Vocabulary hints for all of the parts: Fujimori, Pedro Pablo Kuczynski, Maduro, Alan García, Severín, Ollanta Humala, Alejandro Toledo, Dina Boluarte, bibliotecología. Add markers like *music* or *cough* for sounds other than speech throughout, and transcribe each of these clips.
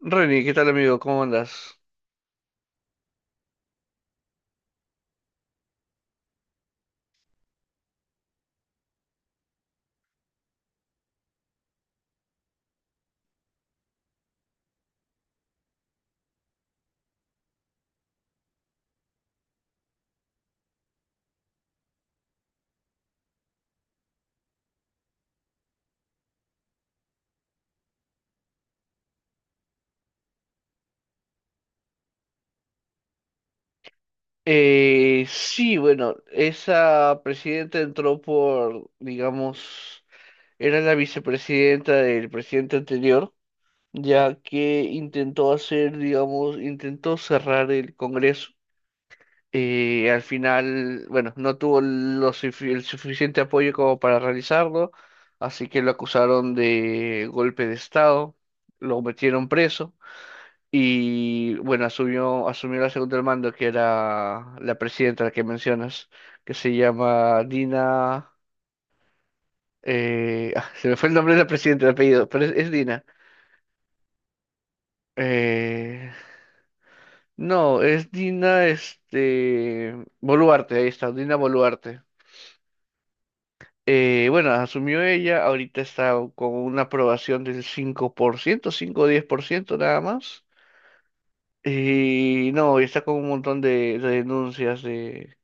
Reni, ¿qué tal amigo? ¿Cómo andas? Sí, bueno, esa presidenta entró por, digamos, era la vicepresidenta del presidente anterior, ya que intentó hacer, digamos, intentó cerrar el Congreso. Al final, bueno, no tuvo el suficiente apoyo como para realizarlo, así que lo acusaron de golpe de Estado, lo metieron preso. Y bueno, asumió la segunda al mando, que era la presidenta, la que mencionas, que se llama Dina. *laughs* Se me fue el nombre de la presidenta, el apellido, pero es Dina. Eh, no, es Dina este, Boluarte, ahí está, Dina Boluarte. Bueno, asumió ella, ahorita está con una aprobación del 5%, 5 o 10% nada más. Y no, y está con un montón de denuncias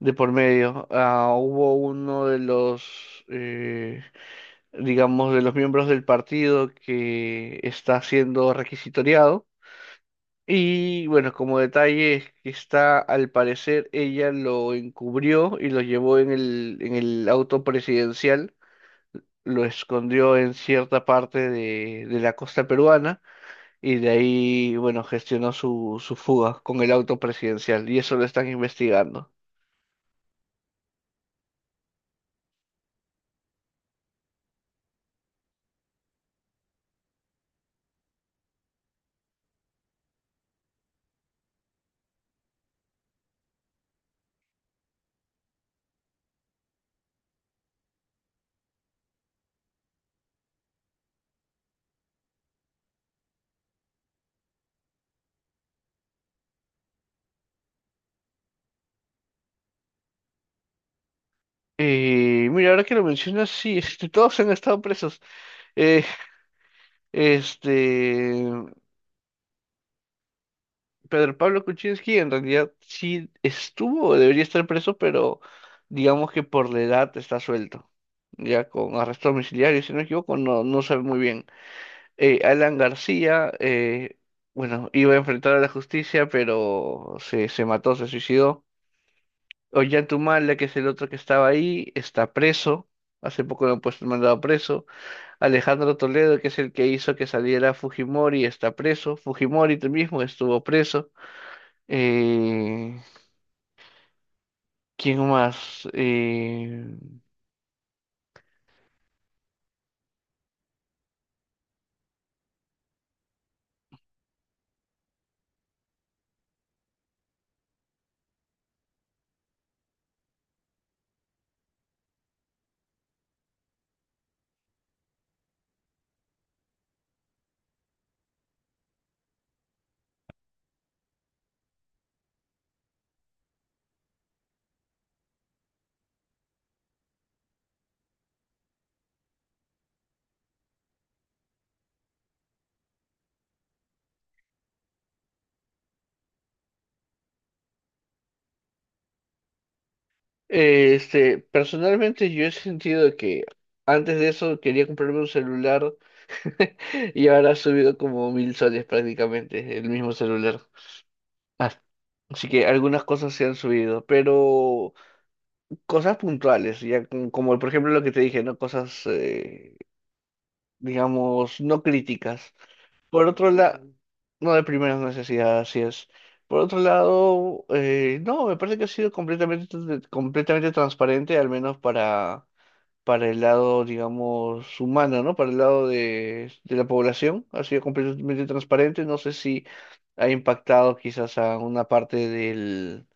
de por medio. Ah, hubo uno de los, digamos, de los miembros del partido que está siendo requisitoriado. Y bueno, como detalle es que está, al parecer, ella lo encubrió y lo llevó en en el auto presidencial, lo escondió en cierta parte de la costa peruana y de ahí, bueno, gestionó su fuga con el auto presidencial y eso lo están investigando. Y mira, ahora que lo mencionas, sí, este, todos han estado presos. Eh, este, Pedro Pablo Kuczynski en realidad sí estuvo, o debería estar preso, pero digamos que por la edad está suelto. Ya con arresto domiciliario, si no me equivoco, no sabe muy bien. Alan García, bueno, iba a enfrentar a la justicia, pero se mató, se suicidó. Ollanta Humala, que es el otro que estaba ahí, está preso. Hace poco lo han puesto mandado preso. Alejandro Toledo, que es el que hizo que saliera Fujimori, está preso. Fujimori tú mismo estuvo preso. Eh, ¿Quién más? Este, personalmente yo he sentido que antes de eso quería comprarme un celular *laughs* y ahora ha subido como 1000 soles prácticamente el mismo celular. Ah, Así que algunas cosas se han subido, pero cosas puntuales, ya como, como por ejemplo lo que te dije, ¿no? Cosas, digamos, no críticas. Por otro lado, no de primeras necesidades, así es. Por otro lado, no, me parece que ha sido completamente transparente, al menos para el lado, digamos, humano, ¿no? Para el lado de la población, ha sido completamente transparente. No sé si ha impactado quizás a una parte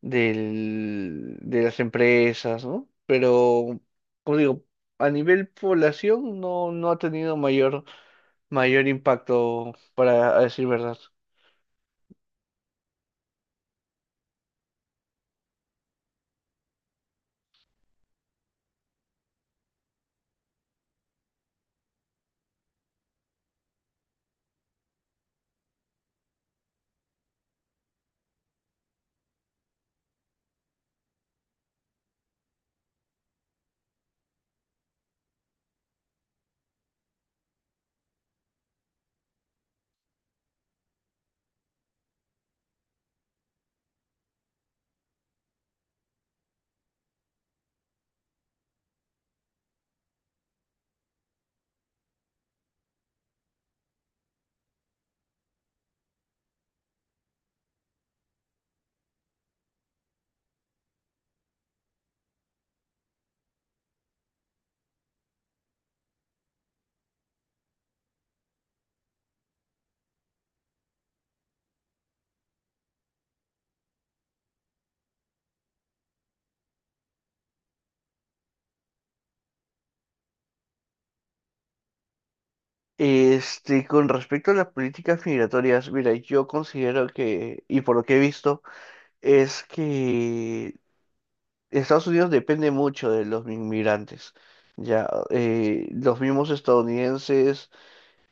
del, de las empresas, ¿no? Pero, como digo, a nivel población no, no ha tenido mayor impacto, para decir verdad. Este, con respecto a las políticas migratorias, mira, yo considero que, y por lo que he visto, es que Estados Unidos depende mucho de los inmigrantes. Ya, los mismos estadounidenses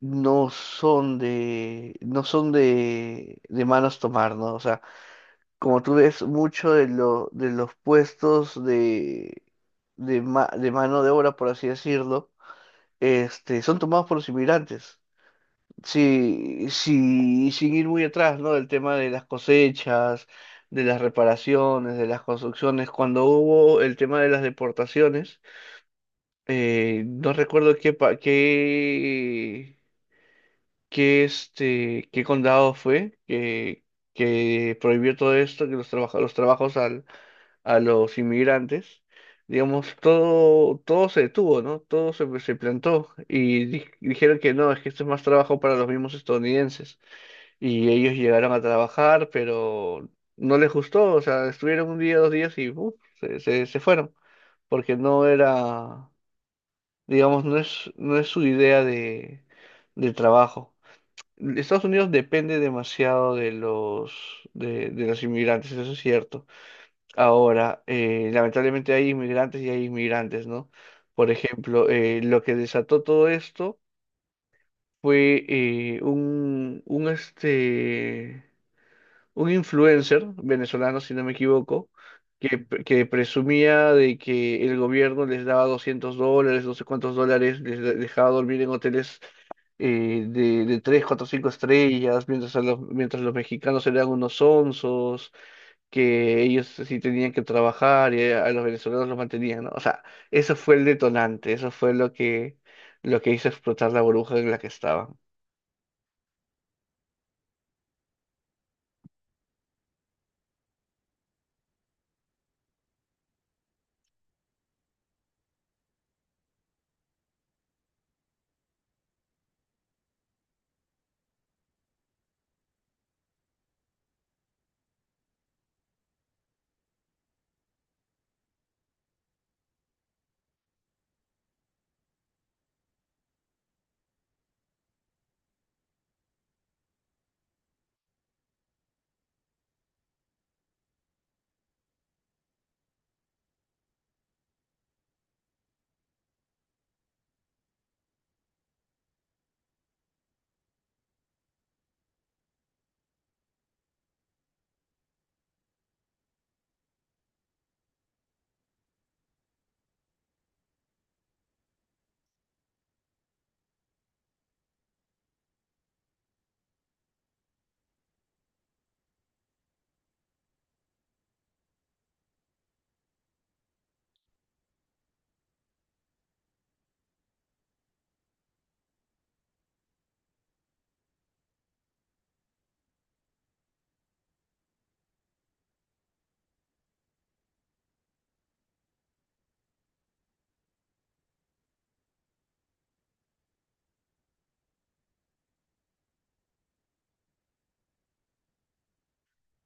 no son de manos tomar, ¿no? O sea, como tú ves, mucho de los puestos de mano de obra, por así decirlo, este, son tomados por los inmigrantes. Sí, sin ir muy atrás, ¿no? Del tema de las cosechas, de las reparaciones, de las construcciones. Cuando hubo el tema de las deportaciones, no recuerdo qué, pa- qué, qué, este, qué condado fue que prohibió todo esto, los trabajos a los inmigrantes, digamos, todo se detuvo, ¿no? Todo se plantó y dijeron que no, es que esto es más trabajo para los mismos estadounidenses. Y ellos llegaron a trabajar, pero no les gustó, o sea, estuvieron un día, dos días y ¡puf! Se fueron, porque digamos, no es su idea de trabajo. Estados Unidos depende demasiado de los inmigrantes, eso es cierto. Ahora, lamentablemente hay inmigrantes y hay inmigrantes, ¿no? Por ejemplo, lo que desató todo esto fue un influencer venezolano, si no me equivoco, que presumía de que el gobierno les daba $200, no sé cuántos dólares, dejaba dormir en hoteles de 3, 4, 5 estrellas, mientras mientras los mexicanos eran unos onzos que ellos sí tenían que trabajar y a los venezolanos los mantenían, ¿no? O sea, eso fue el detonante, eso fue lo que hizo explotar la burbuja en la que estaban.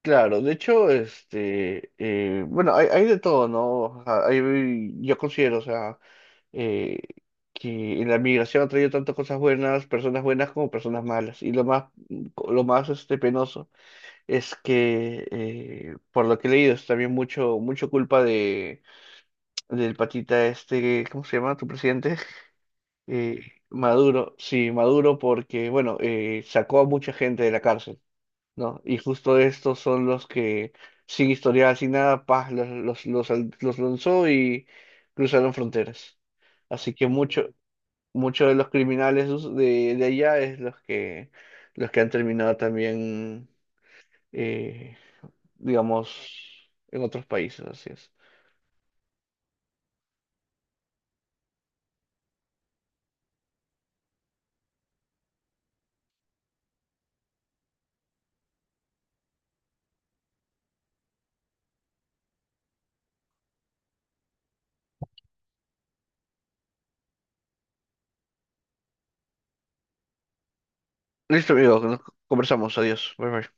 Claro, de hecho, este, bueno, hay de todo, ¿no? O sea, yo considero, o sea, eh, que en la migración ha traído tantas cosas buenas, personas buenas como personas malas. Y lo más, este, penoso es que, por lo que he leído, es también mucho culpa de del patita este. ¿Cómo se llama tu presidente? Eh, Maduro, sí, Maduro porque, bueno, sacó a mucha gente de la cárcel, ¿no? Y justo estos son los que, sin historial, sin nada, paz, los lanzó y cruzaron fronteras. Así que muchos de los criminales de allá es los que han terminado también, eh, digamos, en otros países, así es. Listo, amigo, nos conversamos, adiós, bye bye.